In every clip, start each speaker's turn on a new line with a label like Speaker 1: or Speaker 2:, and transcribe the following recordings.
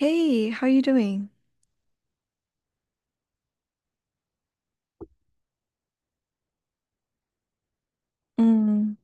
Speaker 1: Hey, how you doing? Mm,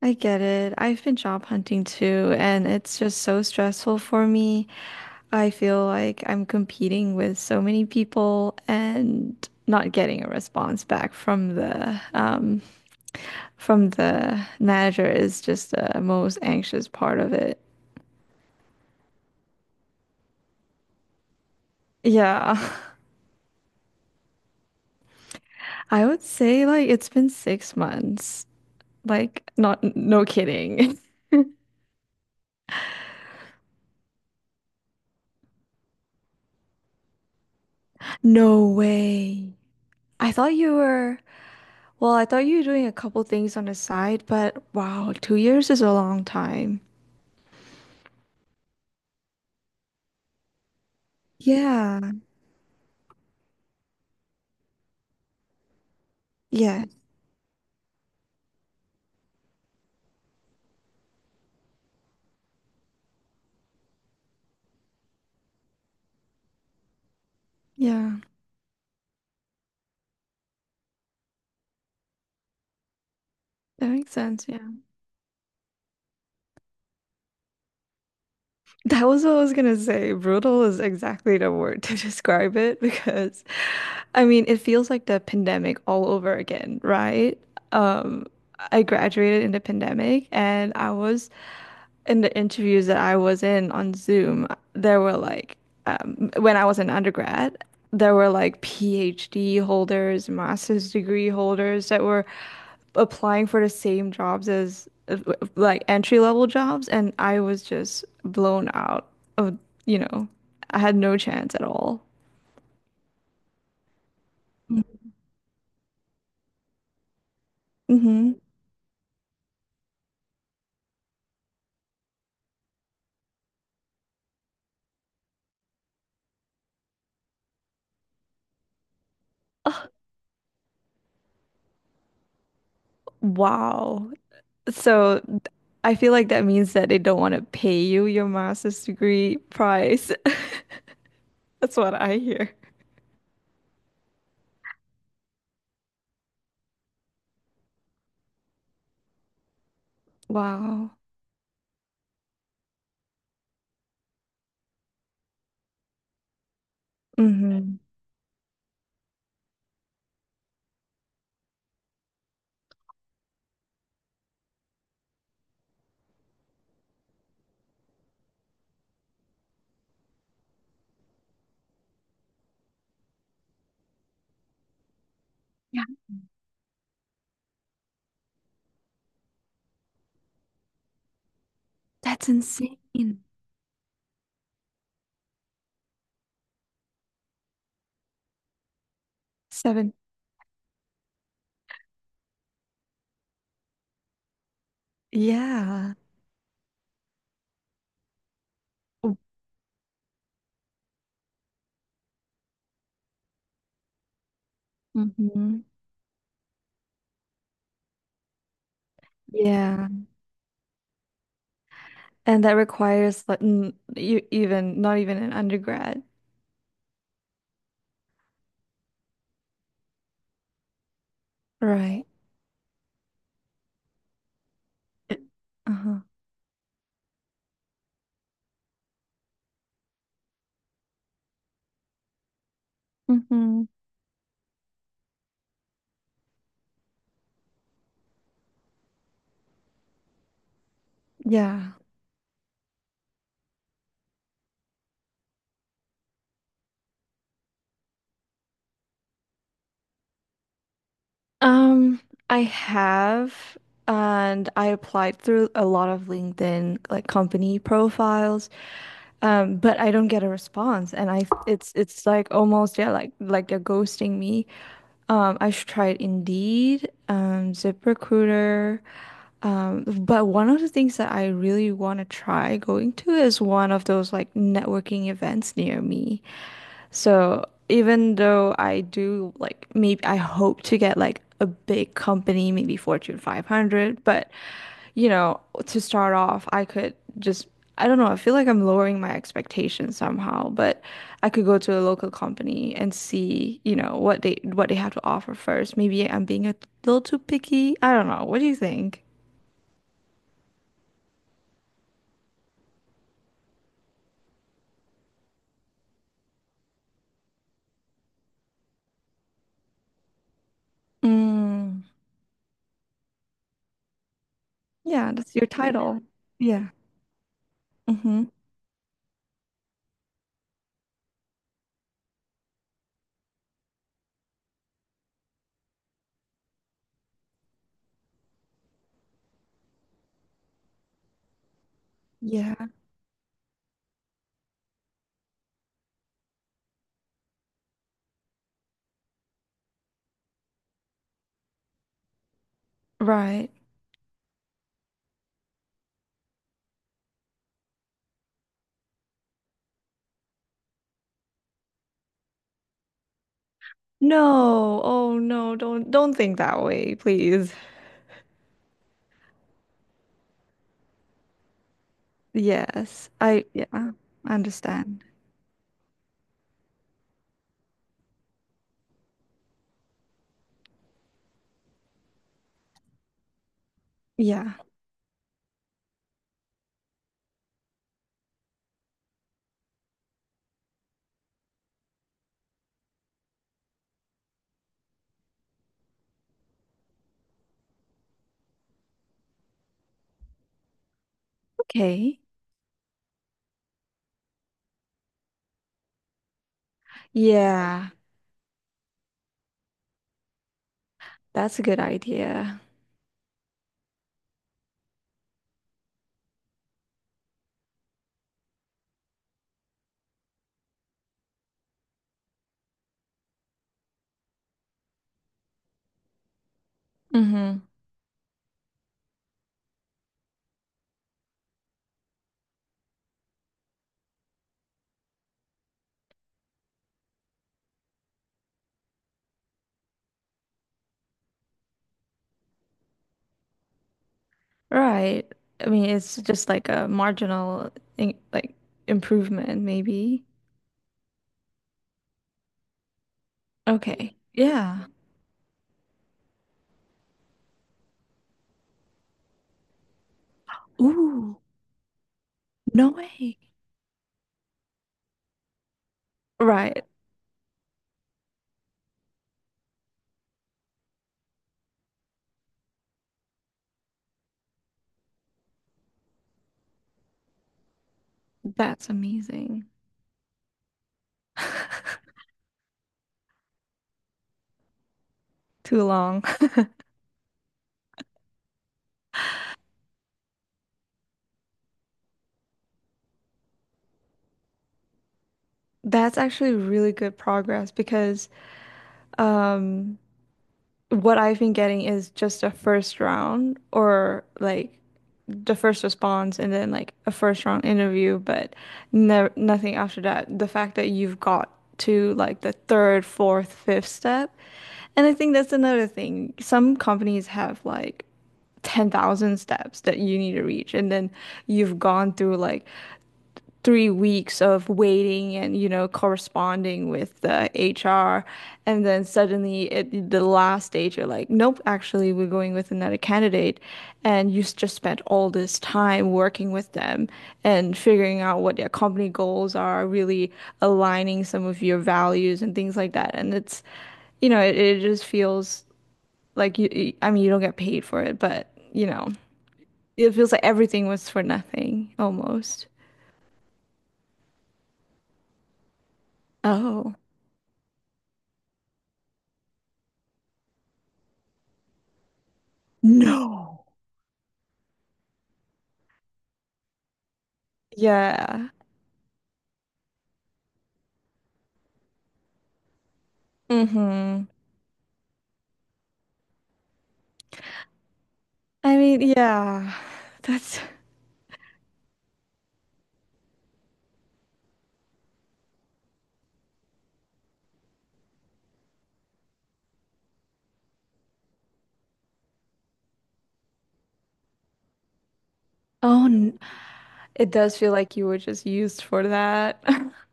Speaker 1: I get it. I've been job hunting too, and it's just so stressful for me. I feel like I'm competing with so many people and not getting a response back from the manager is just the most anxious part of it. Yeah. I would say, like, it's been 6 months. Like, not no kidding. No way. I thought you were Well, I thought you were doing a couple things on the side, but wow, 2 years is a long time. Yeah, yeah, yeah. That makes sense. Yeah. That was what I was gonna say. Brutal is exactly the word to describe it because, I mean, it feels like the pandemic all over again, right? Um, I graduated in the pandemic, and I was in the interviews that I was in on Zoom. There were like when I was an undergrad, there were like PhD holders, master's degree holders that were applying for the same jobs as like entry level jobs, and I was just blown out of, you know, I had no chance at all. Mm-hmm. Wow. So I feel like that means that they don't want to pay you your master's degree price. That's what I hear. Wow. Hmm. Yeah, that's insane. Seven. Yeah. Mm-hmm. Yeah. And that requires, like, n you even not even an undergrad. Right. It- Uh-huh. Mm-hmm. Yeah. Um, I have, and I applied through a lot of LinkedIn like company profiles, but I don't get a response, and I it's like almost, yeah, like they're ghosting me. I should try Indeed, ZipRecruiter. But one of the things that I really want to try going to is one of those like networking events near me. So even though I do, like, maybe I hope to get like a big company, maybe Fortune 500, but you know, to start off, I could just I don't know, I feel like I'm lowering my expectations somehow, but I could go to a local company and see, what they have to offer first. Maybe I'm being a little too picky. I don't know. What do you think? Mm, yeah, that's your title. Yeah. Mm-hmm. Yeah. Right. No. Oh, no, don't think that way, please. Yes. I yeah, I understand. Yeah. Okay. Yeah, that's a good idea. Mm-hmm. Right. I mean, it's just like a marginal — in like improvement, maybe. Okay. Yeah. Ooh, no way. Right. That's amazing. Too long. That's actually really good progress because, um, what I've been getting is just a first round or like the first response and then like a first round interview, but no, nothing after that. The fact that you've got to like the third, fourth, fifth step. And I think that's another thing. Some companies have like 10,000 steps that you need to reach, and then you've gone through like 3 weeks of waiting and, corresponding with the HR, and then suddenly at the last stage you're like, nope, actually we're going with another candidate, and you just spent all this time working with them and figuring out what their company goals are, really aligning some of your values and things like that, and it's, it just feels like I mean, you don't get paid for it, but it feels like everything was for nothing almost. Oh, no. Yeah. Mm-hmm. I mean, yeah. That's oh, n- it does feel like you were just used for that.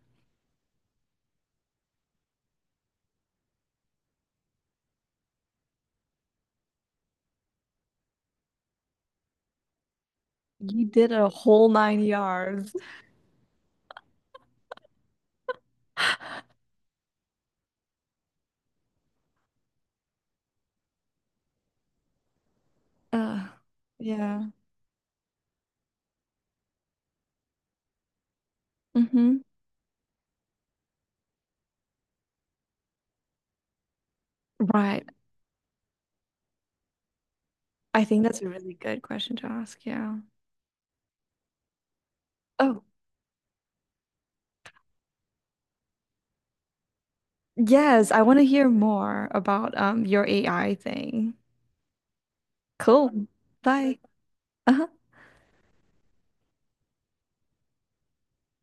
Speaker 1: You did a whole nine yards. Uh, yeah. Mm-hmm. Right. I think that's a really good question to ask. Yeah. Oh, yes. I want to hear more about your AI thing. Cool. Bye. Uh-huh.